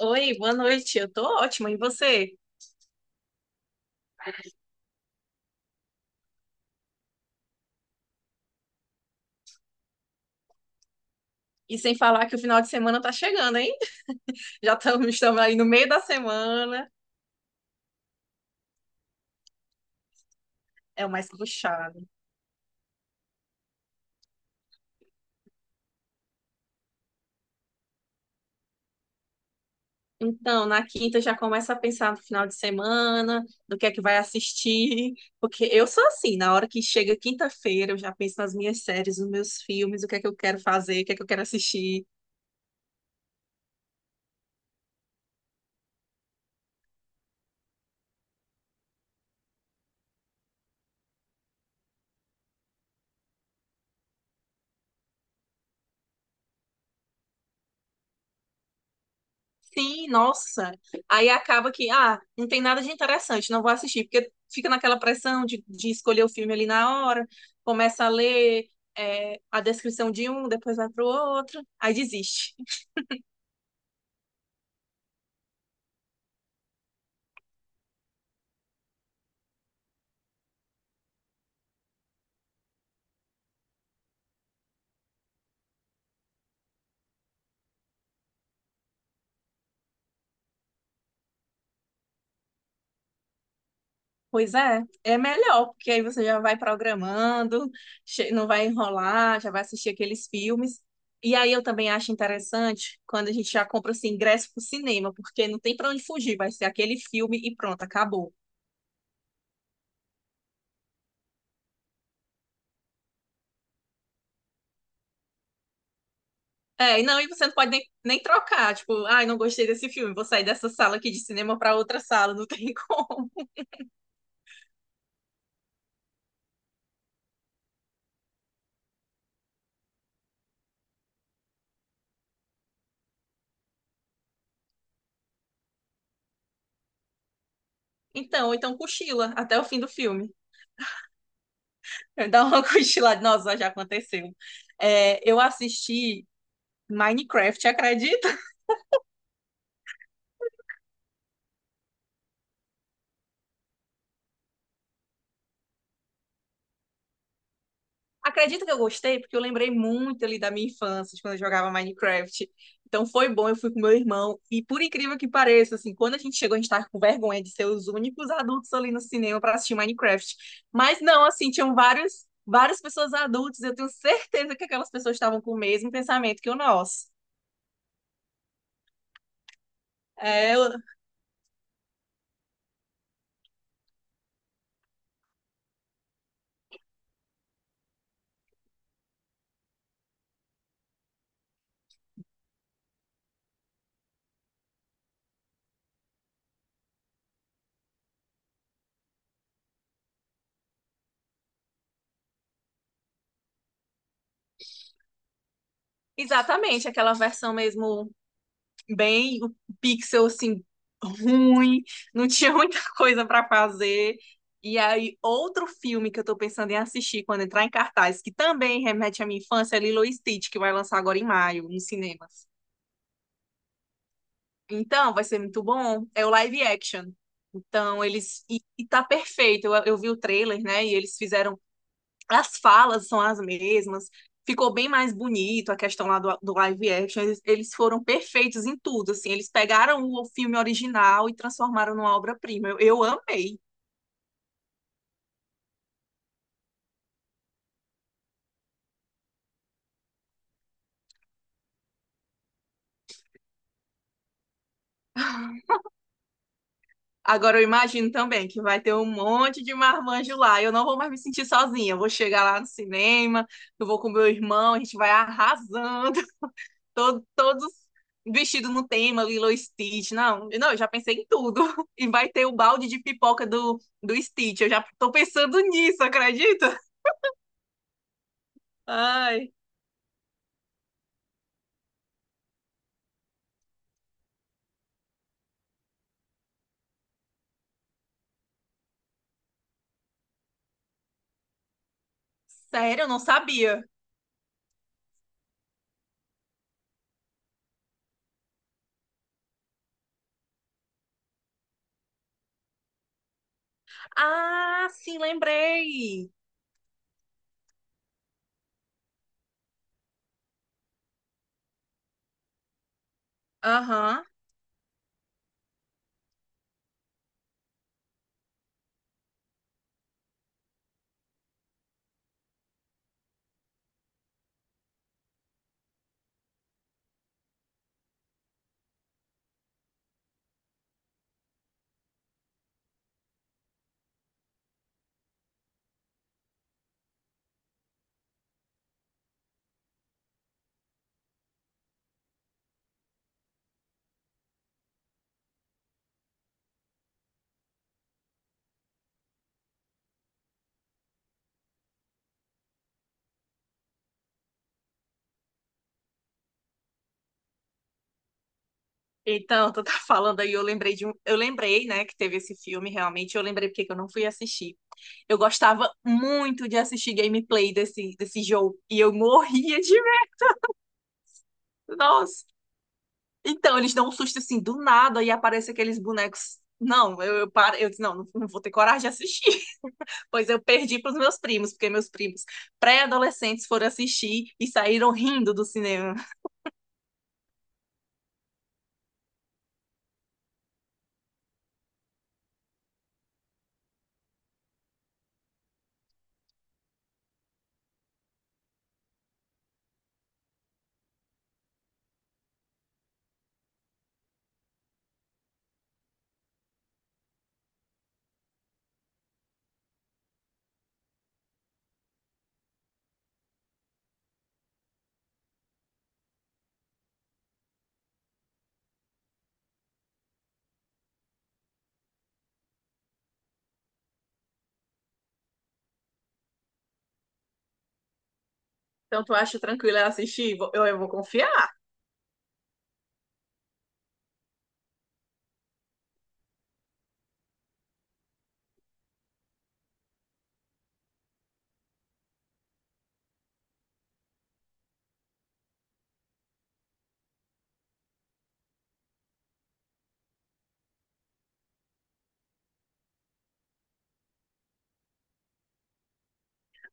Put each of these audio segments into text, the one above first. Oi, boa noite. Eu tô ótima, e você? E sem falar que o final de semana tá chegando, hein? Já estamos aí no meio da semana. É o mais puxado. Então, na quinta já começa a pensar no final de semana, do que é que vai assistir, porque eu sou assim, na hora que chega quinta-feira, eu já penso nas minhas séries, nos meus filmes, o que é que eu quero fazer, o que é que eu quero assistir. Sim, nossa. Aí acaba que, ah, não tem nada de interessante, não vou assistir, porque fica naquela pressão de escolher o filme ali na hora, começa a ler a descrição de um, depois vai pro outro, aí desiste. Pois é, é melhor, porque aí você já vai programando, não vai enrolar, já vai assistir aqueles filmes. E aí eu também acho interessante quando a gente já compra assim, ingresso pro cinema, porque não tem pra onde fugir, vai ser aquele filme e pronto, acabou. É, e não, e você não pode nem, nem trocar, tipo, ai, não gostei desse filme, vou sair dessa sala aqui de cinema pra outra sala, não tem como. Então, então cochila até o fim do filme. Dá uma cochilada, nossa, já aconteceu. É, eu assisti Minecraft, acredita? Acredita que eu gostei? Porque eu lembrei muito ali da minha infância, de quando eu jogava Minecraft. Então foi bom, eu fui com meu irmão. E por incrível que pareça, assim, quando a gente chegou, a gente tava com vergonha de ser os únicos adultos ali no cinema para assistir Minecraft. Mas não, assim, tinham vários, várias pessoas adultas. Eu tenho certeza que aquelas pessoas estavam com o mesmo pensamento que o nosso. É, eu- Exatamente, aquela versão mesmo bem o pixel assim ruim, não tinha muita coisa para fazer. E aí outro filme que eu tô pensando em assistir quando entrar em cartaz, que também remete à minha infância, é Lilo e Stitch, que vai lançar agora em maio nos cinemas. Então, vai ser muito bom. É o live action. Então, eles. E tá perfeito. Eu vi o trailer, né? E eles fizeram as falas são as mesmas, ficou bem mais bonito a questão lá do, do live action. Eles foram perfeitos em tudo, assim. Eles pegaram o filme original e transformaram numa obra-prima. Eu amei. Agora eu imagino também que vai ter um monte de marmanjo lá. Eu não vou mais me sentir sozinha. Eu vou chegar lá no cinema, eu vou com meu irmão, a gente vai arrasando. Todos vestidos no tema, Lilo e Stitch. Não, não, eu já pensei em tudo. E vai ter o balde de pipoca do, do Stitch. Eu já tô pensando nisso, acredita? Ai, sério, eu não sabia. Ah, sim, lembrei. Aham. Então, tu tá falando aí, eu lembrei de um, eu lembrei, né, que teve esse filme, realmente, eu lembrei porque que eu não fui assistir. Eu gostava muito de assistir gameplay desse, desse jogo e eu morria de medo. Nossa. Então, eles dão um susto assim do nada e aparece aqueles bonecos. Não, eu paro, eu disse, não, não, não vou ter coragem de assistir. Pois eu perdi para os meus primos, porque meus primos pré-adolescentes foram assistir e saíram rindo do cinema. Então, tu acha tranquilo eu assistir? Eu vou confiar.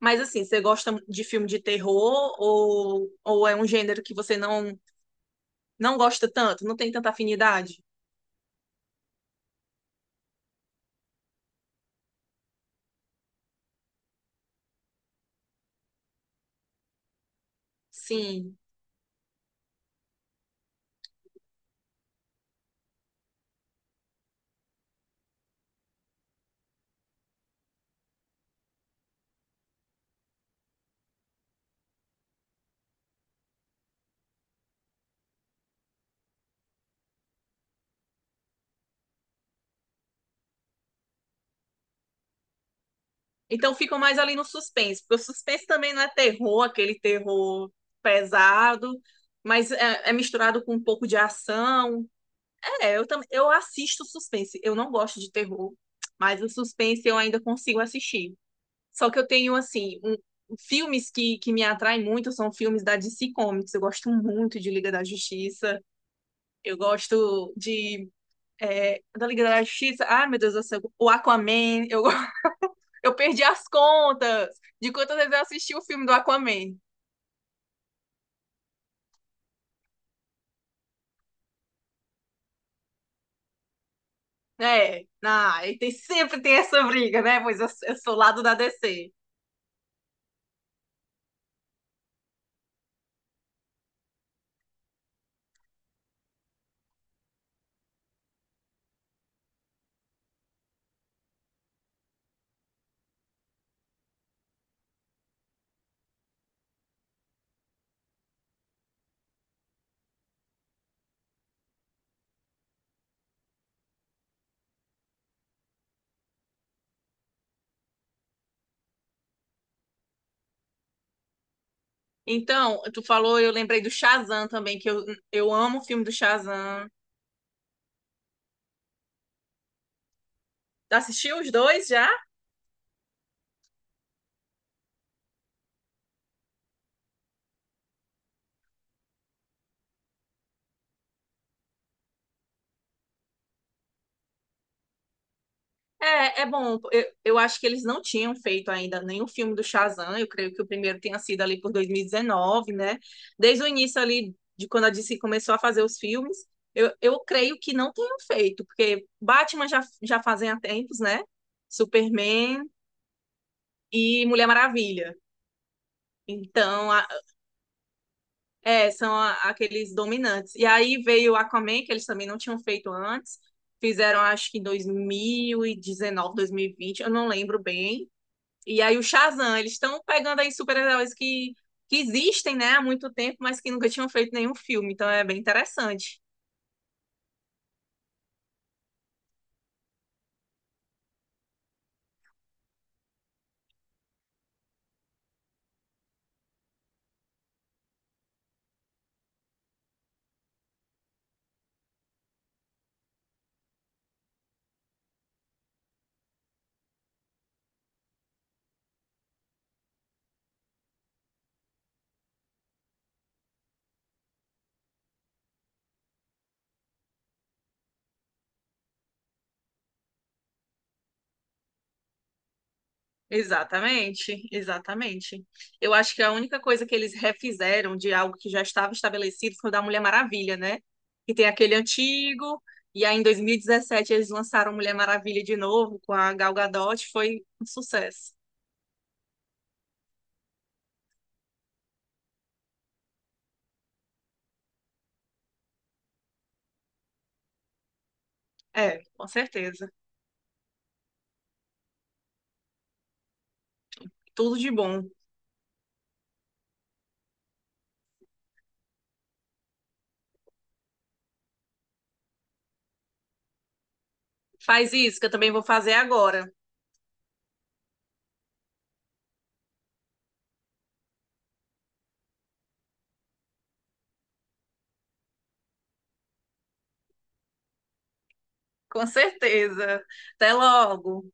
Mas assim, você gosta de filme de terror ou é um gênero que você não, não gosta tanto, não tem tanta afinidade? Sim. Então ficam mais ali no suspense, porque o suspense também não é terror, aquele terror pesado, mas é misturado com um pouco de ação. É, eu também, eu assisto suspense. Eu não gosto de terror, mas o suspense eu ainda consigo assistir. Só que eu tenho assim, filmes que me atraem muito são filmes da DC Comics. Eu gosto muito de Liga da Justiça. Eu gosto de da Liga da Justiça. Ai, meu Deus do céu, o Aquaman. Eu perdi as contas de quantas vezes eu assisti o filme do Aquaman, né? Ah, e tem, sempre tem essa briga, né? Pois eu sou lado da DC. Então, tu falou, eu lembrei do Shazam também, eu amo o filme do Shazam. Assistiu os dois já? É, é bom. Eu acho que eles não tinham feito ainda nenhum filme do Shazam. Eu creio que o primeiro tenha sido ali por 2019, né? Desde o início ali, de quando a DC começou a fazer os filmes, eu creio que não tenham feito, porque Batman já, já fazem há tempos, né? Superman e Mulher Maravilha. Então, a- são aqueles dominantes. E aí veio Aquaman, que eles também não tinham feito antes. Fizeram, acho que em 2019, 2020, eu não lembro bem. E aí o Shazam, eles estão pegando aí super-heróis que existem, né, há muito tempo, mas que nunca tinham feito nenhum filme, então é bem interessante. Exatamente, exatamente. Eu acho que a única coisa que eles refizeram de algo que já estava estabelecido foi o da Mulher Maravilha, né? Que tem aquele antigo, e aí em 2017 eles lançaram Mulher Maravilha de novo com a Gal Gadot, foi um sucesso. É, com certeza. Tudo de bom. Faz isso que eu também vou fazer agora. Com certeza. Até logo.